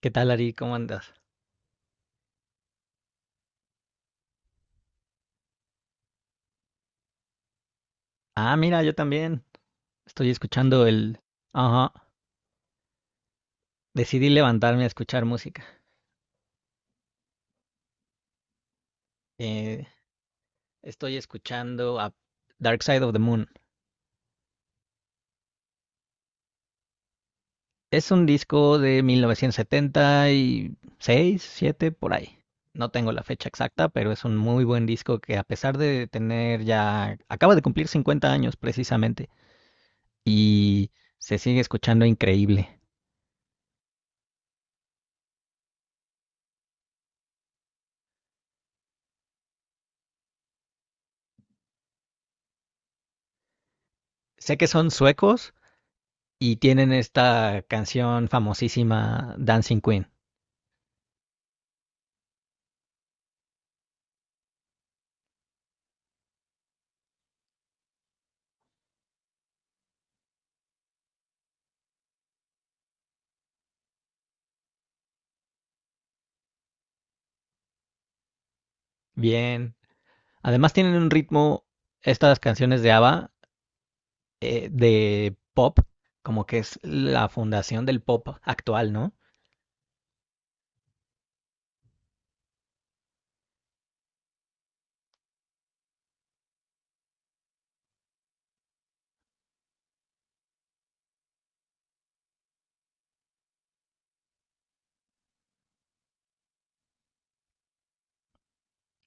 ¿Qué tal, Ari? ¿Cómo andas? Ah, mira, yo también estoy escuchando el. Ajá, decidí levantarme a escuchar música. Eh, estoy escuchando a Dark Side of the Moon. Es un disco de 1976, 77 por ahí. No tengo la fecha exacta, pero es un muy buen disco que a pesar de tener ya. Acaba de cumplir 50 años precisamente y se sigue escuchando increíble. Sé que son suecos, y tienen esta canción famosísima Dancing Queen. Bien. Además tienen un ritmo, estas canciones de ABBA, de pop, como que es la fundación del pop actual, ¿no?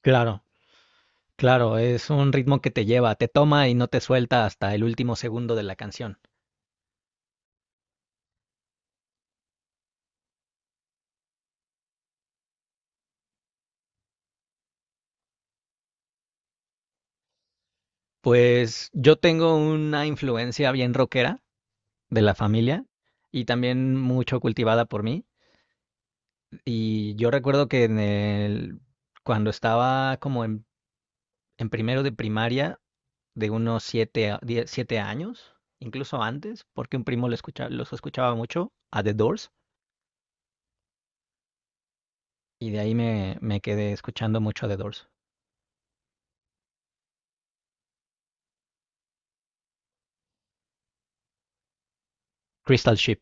Claro, claro, es un ritmo que te lleva, te toma y no te suelta hasta el último segundo de la canción. Pues yo tengo una influencia bien rockera de la familia y también mucho cultivada por mí. Y yo recuerdo que cuando estaba como en primero de primaria de unos siete años, incluso antes, porque un primo los escuchaba mucho a The Doors y de ahí me quedé escuchando mucho a The Doors. Crystal Ship.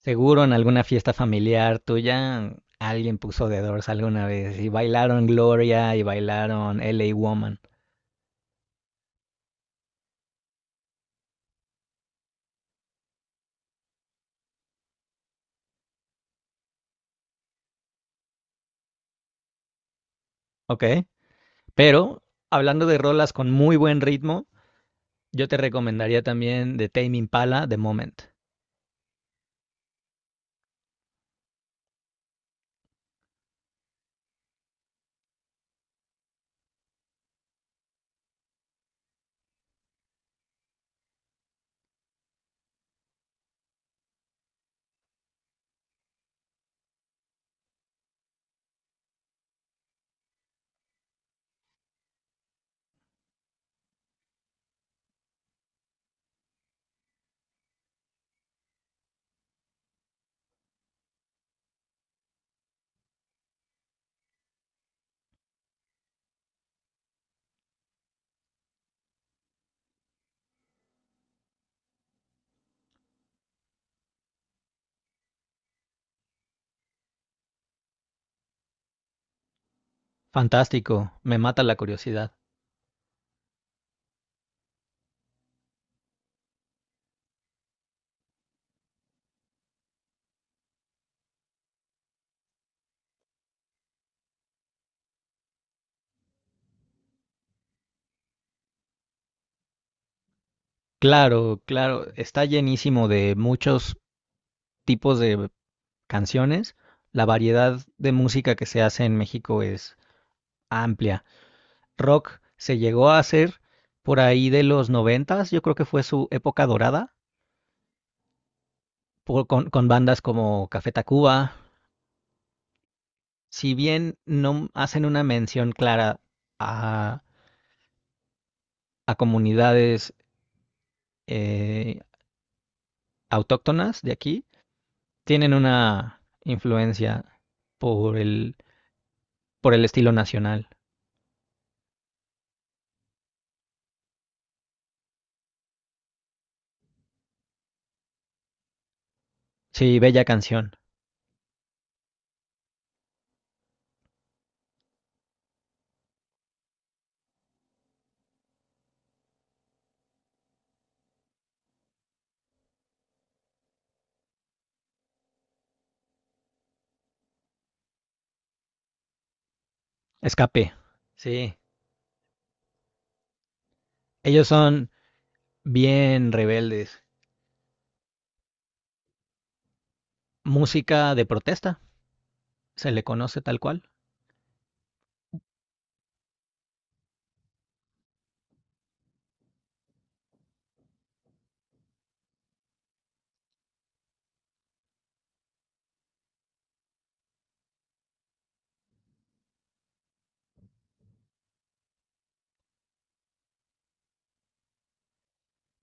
Seguro en alguna fiesta familiar tuya alguien puso The Doors alguna vez y bailaron Gloria y bailaron LA Woman. Ok, pero hablando de rolas con muy buen ritmo, yo te recomendaría también de Tame Impala, The Moment. Fantástico, me mata la curiosidad. Claro, claro, está llenísimo de muchos tipos de canciones. La variedad de música que se hace en México es amplia. Rock se llegó a hacer por ahí de los noventas, yo creo que fue su época dorada, con bandas como Café Tacuba. Si bien no hacen una mención clara a, a comunidades eh, autóctonas de aquí, tienen una influencia por el, por el estilo nacional. Sí, bella canción. Escape. Sí. Ellos son bien rebeldes. Música de protesta, se le conoce tal cual.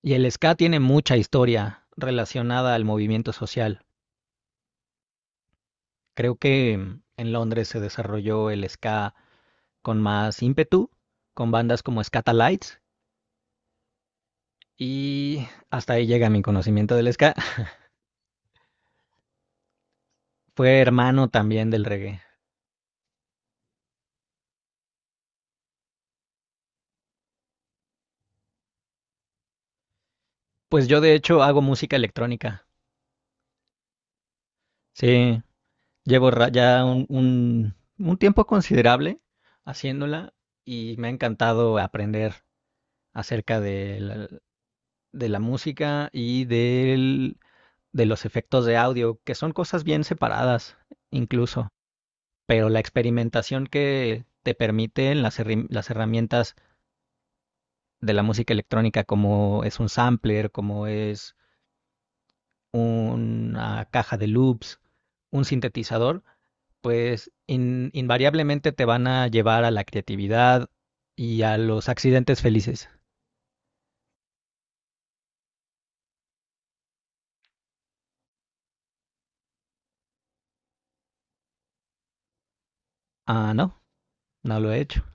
Y el ska tiene mucha historia relacionada al movimiento social. Creo que en Londres se desarrolló el ska con más ímpetu, con bandas como Scatalites, y hasta ahí llega mi conocimiento del ska. Fue hermano también del reggae. Pues yo de hecho hago música electrónica. Sí, llevo ya un tiempo considerable haciéndola y me ha encantado aprender acerca de la música y de los efectos de audio, que son cosas bien separadas incluso. Pero la experimentación que te permiten las herramientas de la música electrónica, como es un sampler, como es una caja de loops, un sintetizador, pues invariablemente te van a llevar a la creatividad y a los accidentes felices. Ah, no, no lo he hecho.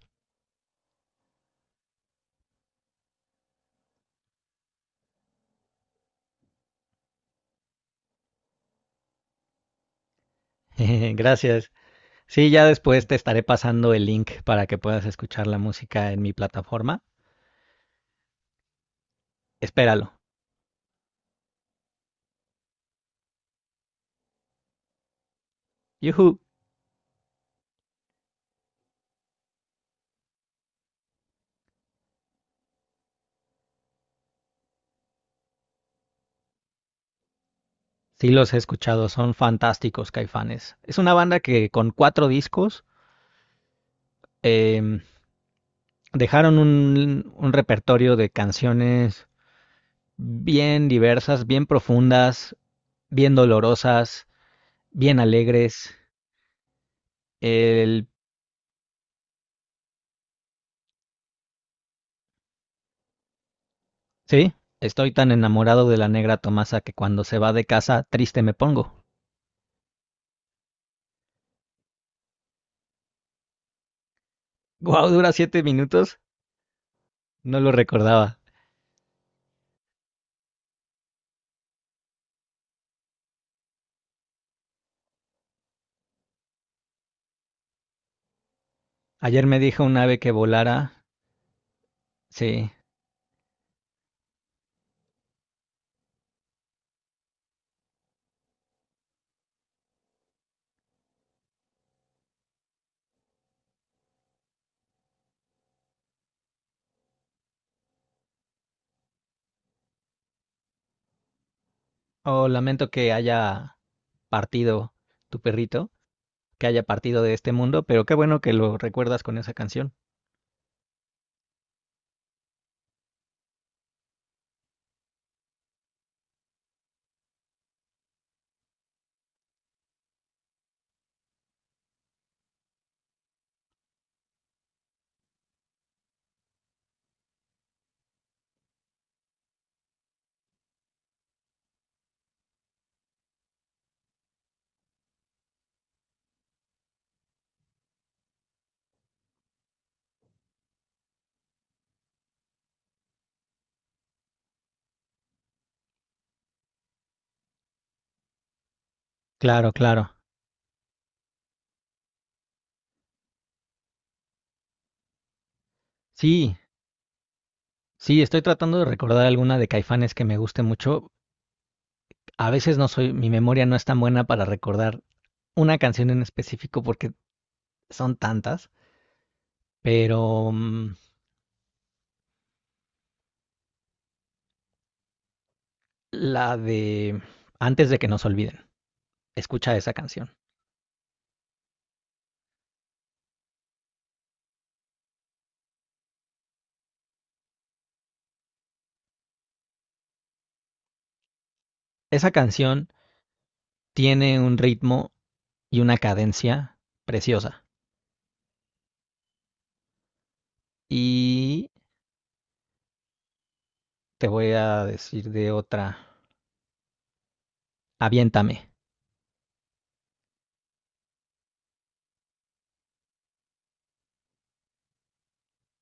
Gracias. Sí, ya después te estaré pasando el link para que puedas escuchar la música en mi plataforma. Espéralo. Yuhu. Sí, los he escuchado, son fantásticos Caifanes. Es una banda que con cuatro discos eh, dejaron un repertorio de canciones bien diversas, bien profundas, bien dolorosas, bien alegres. El. Sí, estoy tan enamorado de la negra Tomasa que cuando se va de casa triste me pongo. Guau, wow, dura 7 minutos. No lo recordaba. Ayer me dijo un ave que volara. Sí. Oh, lamento que haya partido tu perrito. Que haya partido de este mundo, pero qué bueno que lo recuerdas con esa canción. Claro, claro. Sí, sí, estoy tratando de recordar alguna de Caifanes que me guste mucho. A veces no soy, mi memoria no es tan buena para recordar una canción en específico porque son tantas, pero la de Antes de que nos olviden. Escucha esa canción. Esa canción tiene un ritmo y una cadencia preciosa. Y te voy a decir de otra, Aviéntame.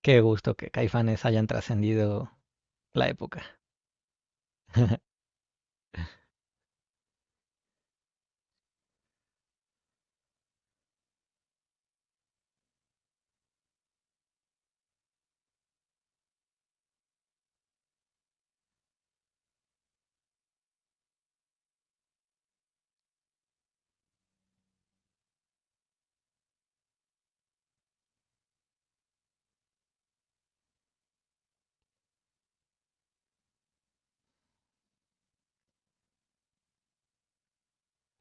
Qué gusto que Caifanes hayan trascendido la época.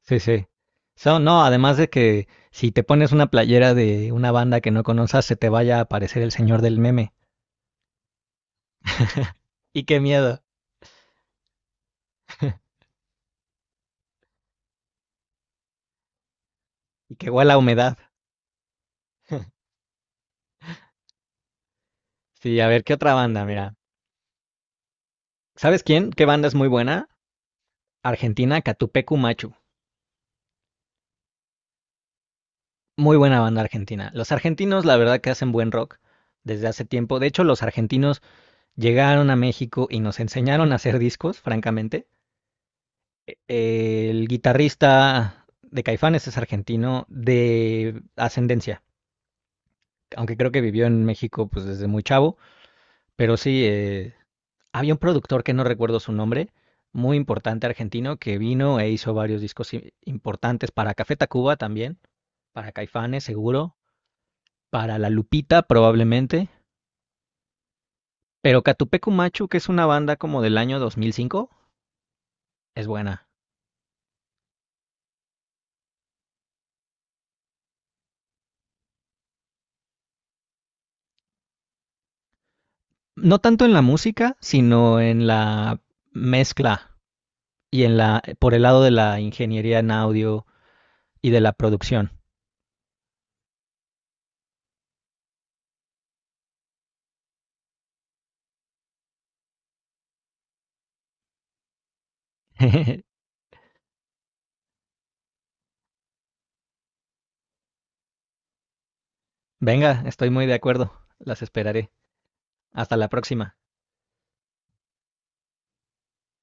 Sí, sí. So, no, además de que si te pones una playera de una banda que no conozcas, se te vaya a aparecer el señor del meme. Y qué miedo. Y qué huele a humedad. Sí, a ver, ¿qué otra banda? Mira. ¿Sabes quién? ¿Qué banda es muy buena? Argentina, Catupecu Machu. Muy buena banda argentina. Los argentinos, la verdad, que hacen buen rock desde hace tiempo. De hecho, los argentinos llegaron a México y nos enseñaron a hacer discos, francamente. El guitarrista de Caifanes es argentino de ascendencia, aunque creo que vivió en México pues desde muy chavo, pero sí, había un productor que no recuerdo su nombre, muy importante argentino, que vino e hizo varios discos importantes para Café Tacuba también, para Caifanes seguro, para La Lupita probablemente, pero Catupecu Machu, que es una banda como del año 2005, es buena. No tanto en la música, sino en la mezcla y en la, por el lado de la ingeniería en audio y de la producción. Venga, estoy muy de acuerdo. Las esperaré. Hasta la próxima.